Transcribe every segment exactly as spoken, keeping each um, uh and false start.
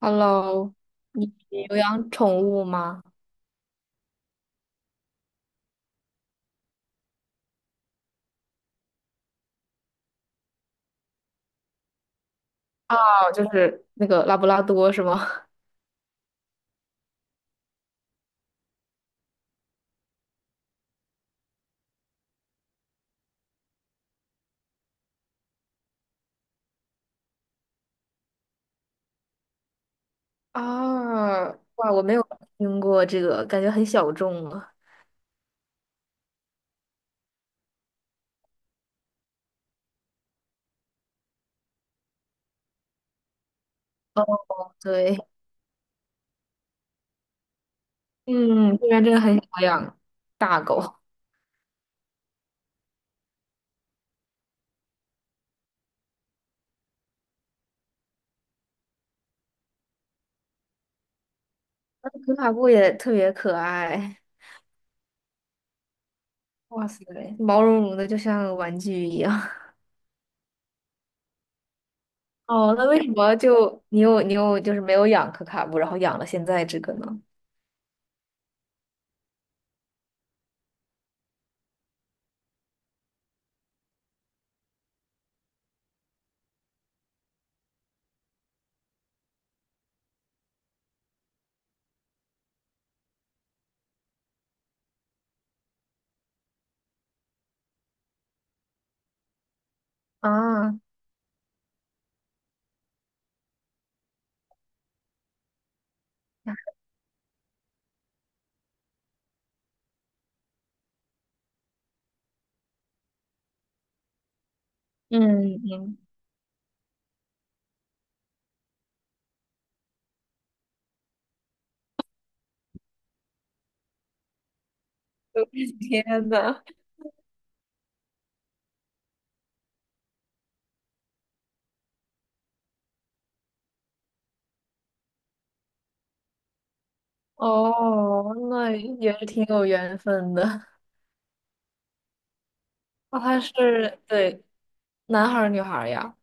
Hello,你有养宠物吗？啊，就是那个拉布拉多是吗？啊，哇，我没有听过这个，感觉很小众啊。对，嗯，这边真的很少养大狗，那可卡布也特别可爱。哇塞，毛茸茸的，就像个玩具一样。哦，那为什么就你有你有就是没有养可卡布，然后养了现在这个呢？啊，嗯嗯，天呐，哦，那也是挺有缘分的。哦，他是，对，男孩儿女孩儿呀？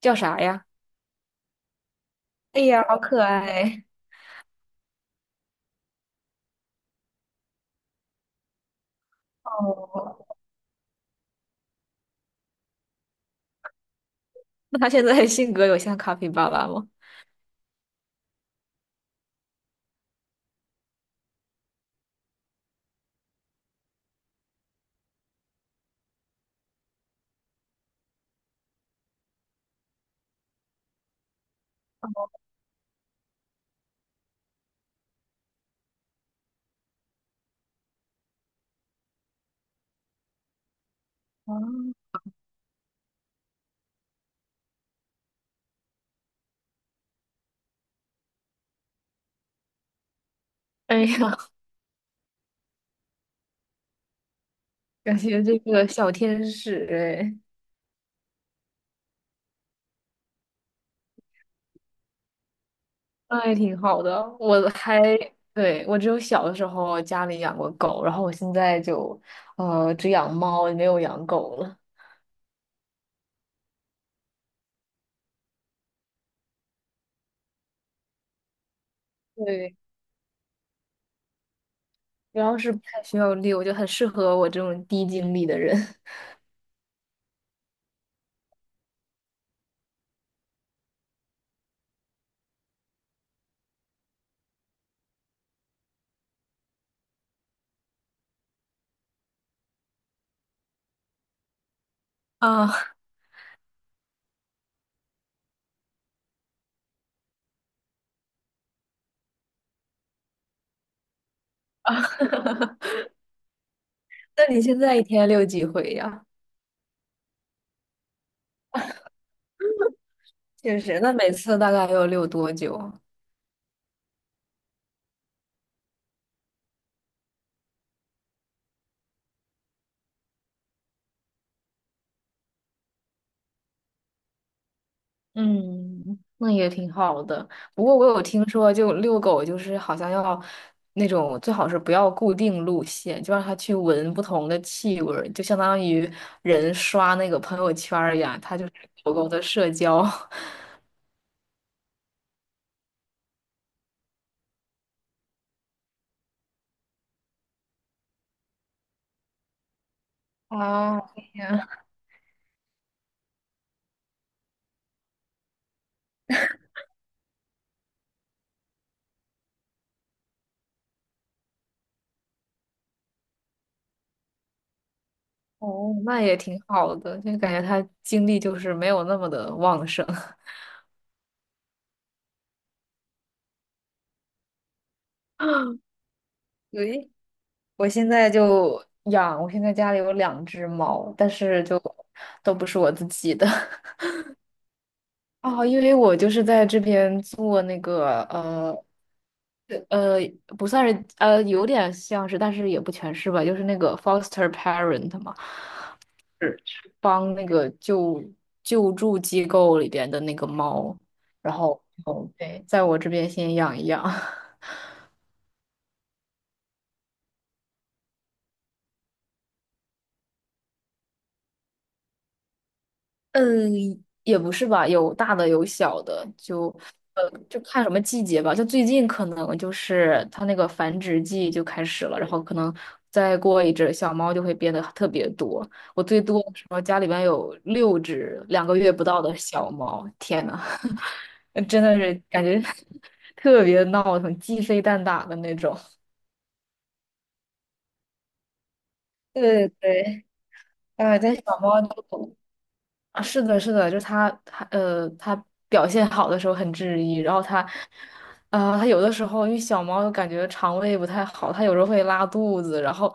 叫啥呀？哎呀，好可爱！哦，那他现在性格有像卡皮巴拉吗？哦哎呀，感觉这个小天使哎，那也挺好的。我还，对，我只有小的时候家里养过狗，然后我现在就，呃，只养猫，没有养狗了。对，主要是不太需要遛，就很适合我这种低精力的人。啊啊，那你现在一天遛几回呀？确实，那每次大概要遛多久啊？嗯，那也挺好的。不过我有听说，就遛狗就是好像要那种最好是不要固定路线，就让它去闻不同的气味儿，就相当于人刷那个朋友圈儿一样，它就是狗狗的社交。啊这哦，那也挺好的，就感觉它精力就是没有那么的旺盛。对，我现在就养，我现在家里有两只猫，但是就都不是我自己的。哦，因为我就是在这边做那个呃呃，不算是呃，有点像是，但是也不全是吧，就是那个 foster parent 嘛，是是帮那个救救助机构里边的那个猫，然后对，在我这边先养一养。嗯，也不是吧，有大的有小的，就呃，就看什么季节吧。就最近可能就是它那个繁殖季就开始了，然后可能再过一阵小猫就会变得特别多。我最多的时候家里边有六只两个月不到的小猫，天呐，真的是感觉 特别闹腾，鸡飞蛋打的那种。对对对，哎，但小猫就啊，是的，是的，就是他，他呃，他表现好的时候很治愈，然后他，啊，他有的时候因为小猫感觉肠胃不太好，它有时候会拉肚子，然后，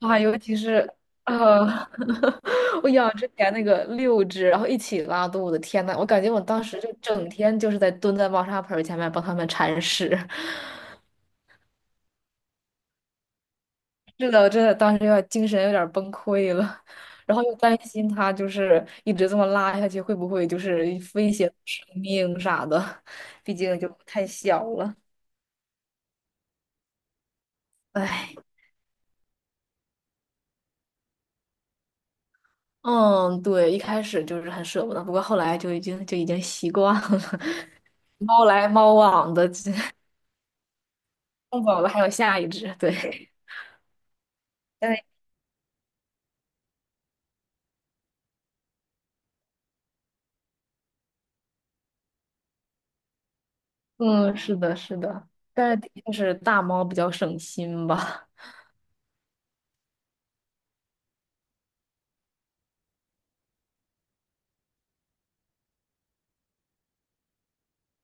啊，尤其是呃，我养之前那个六只，然后一起拉肚子，天呐，我感觉我当时就整天就是在蹲在猫砂盆儿前面帮它们铲屎。是的，我真的当时有点精神有点崩溃了，然后又担心它就是一直这么拉下去，会不会就是威胁生命啥的？毕竟就太小了。唉，嗯，对，一开始就是很舍不得，不过后来就已经就已经习惯了，猫来猫往的，这弄走了还有下一只，对。但是嗯，是的，是的，但是的确是大猫比较省心吧。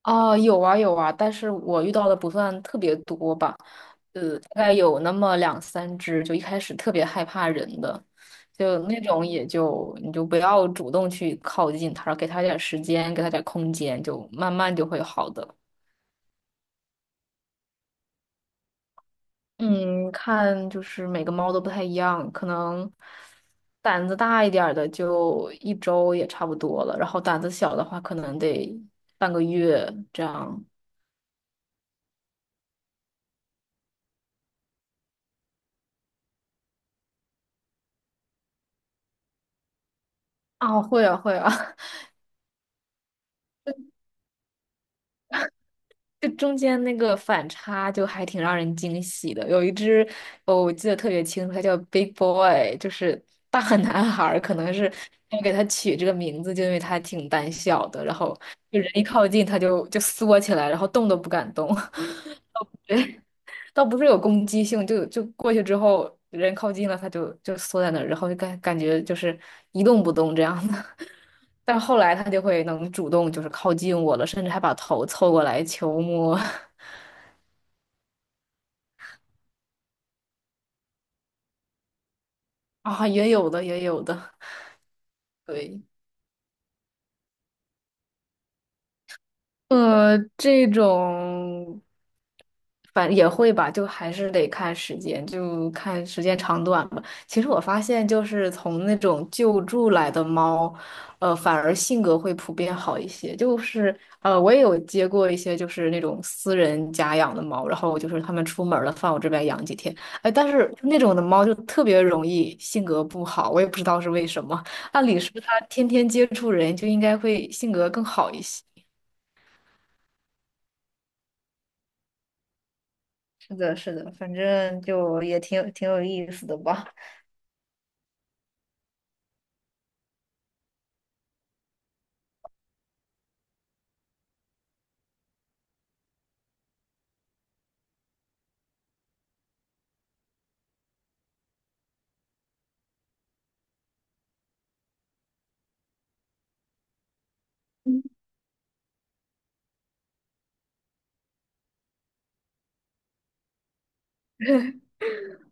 哦，有啊有啊，但是我遇到的不算特别多吧。呃，大概有那么两三只，就一开始特别害怕人的，就那种也就你就不要主动去靠近它，给它点儿时间，给它点儿空间，就慢慢就会好的。嗯，看就是每个猫都不太一样，可能胆子大一点儿的就一周也差不多了，然后胆子小的话可能得半个月这样。啊，会啊，会啊。这中间那个反差就还挺让人惊喜的。有一只，哦，我记得特别清楚，它叫 Big Boy,就是大男孩儿可能是他给它取这个名字，就因为它挺胆小的，然后就人一靠近它就就缩起来，然后动都不敢动。倒不是有攻击性，就就过去之后，人靠近了，它就就缩在那儿，然后就感感觉就是一动不动这样的。但后来它就会能主动就是靠近我了，甚至还把头凑过来求摸。啊，也有的，也有的，对，呃，这种反也会吧，就还是得看时间，就看时间长短吧。其实我发现，就是从那种救助来的猫，呃，反而性格会普遍好一些。就是呃，我也有接过一些就是那种私人家养的猫，然后就是他们出门了，放我这边养几天。哎，但是那种的猫就特别容易性格不好，我也不知道是为什么。按理说它天天接触人，就应该会性格更好一些。是的，是的，反正就也挺有挺有意思的吧。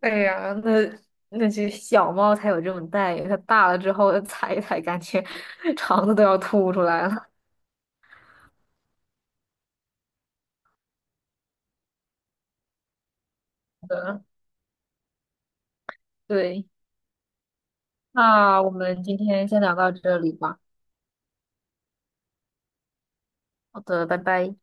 哎呀，那那些小猫才有这种待遇，它大了之后踩一踩，感觉 肠子都要吐出来了。对，那我们今天先聊到这里吧。好的，拜拜。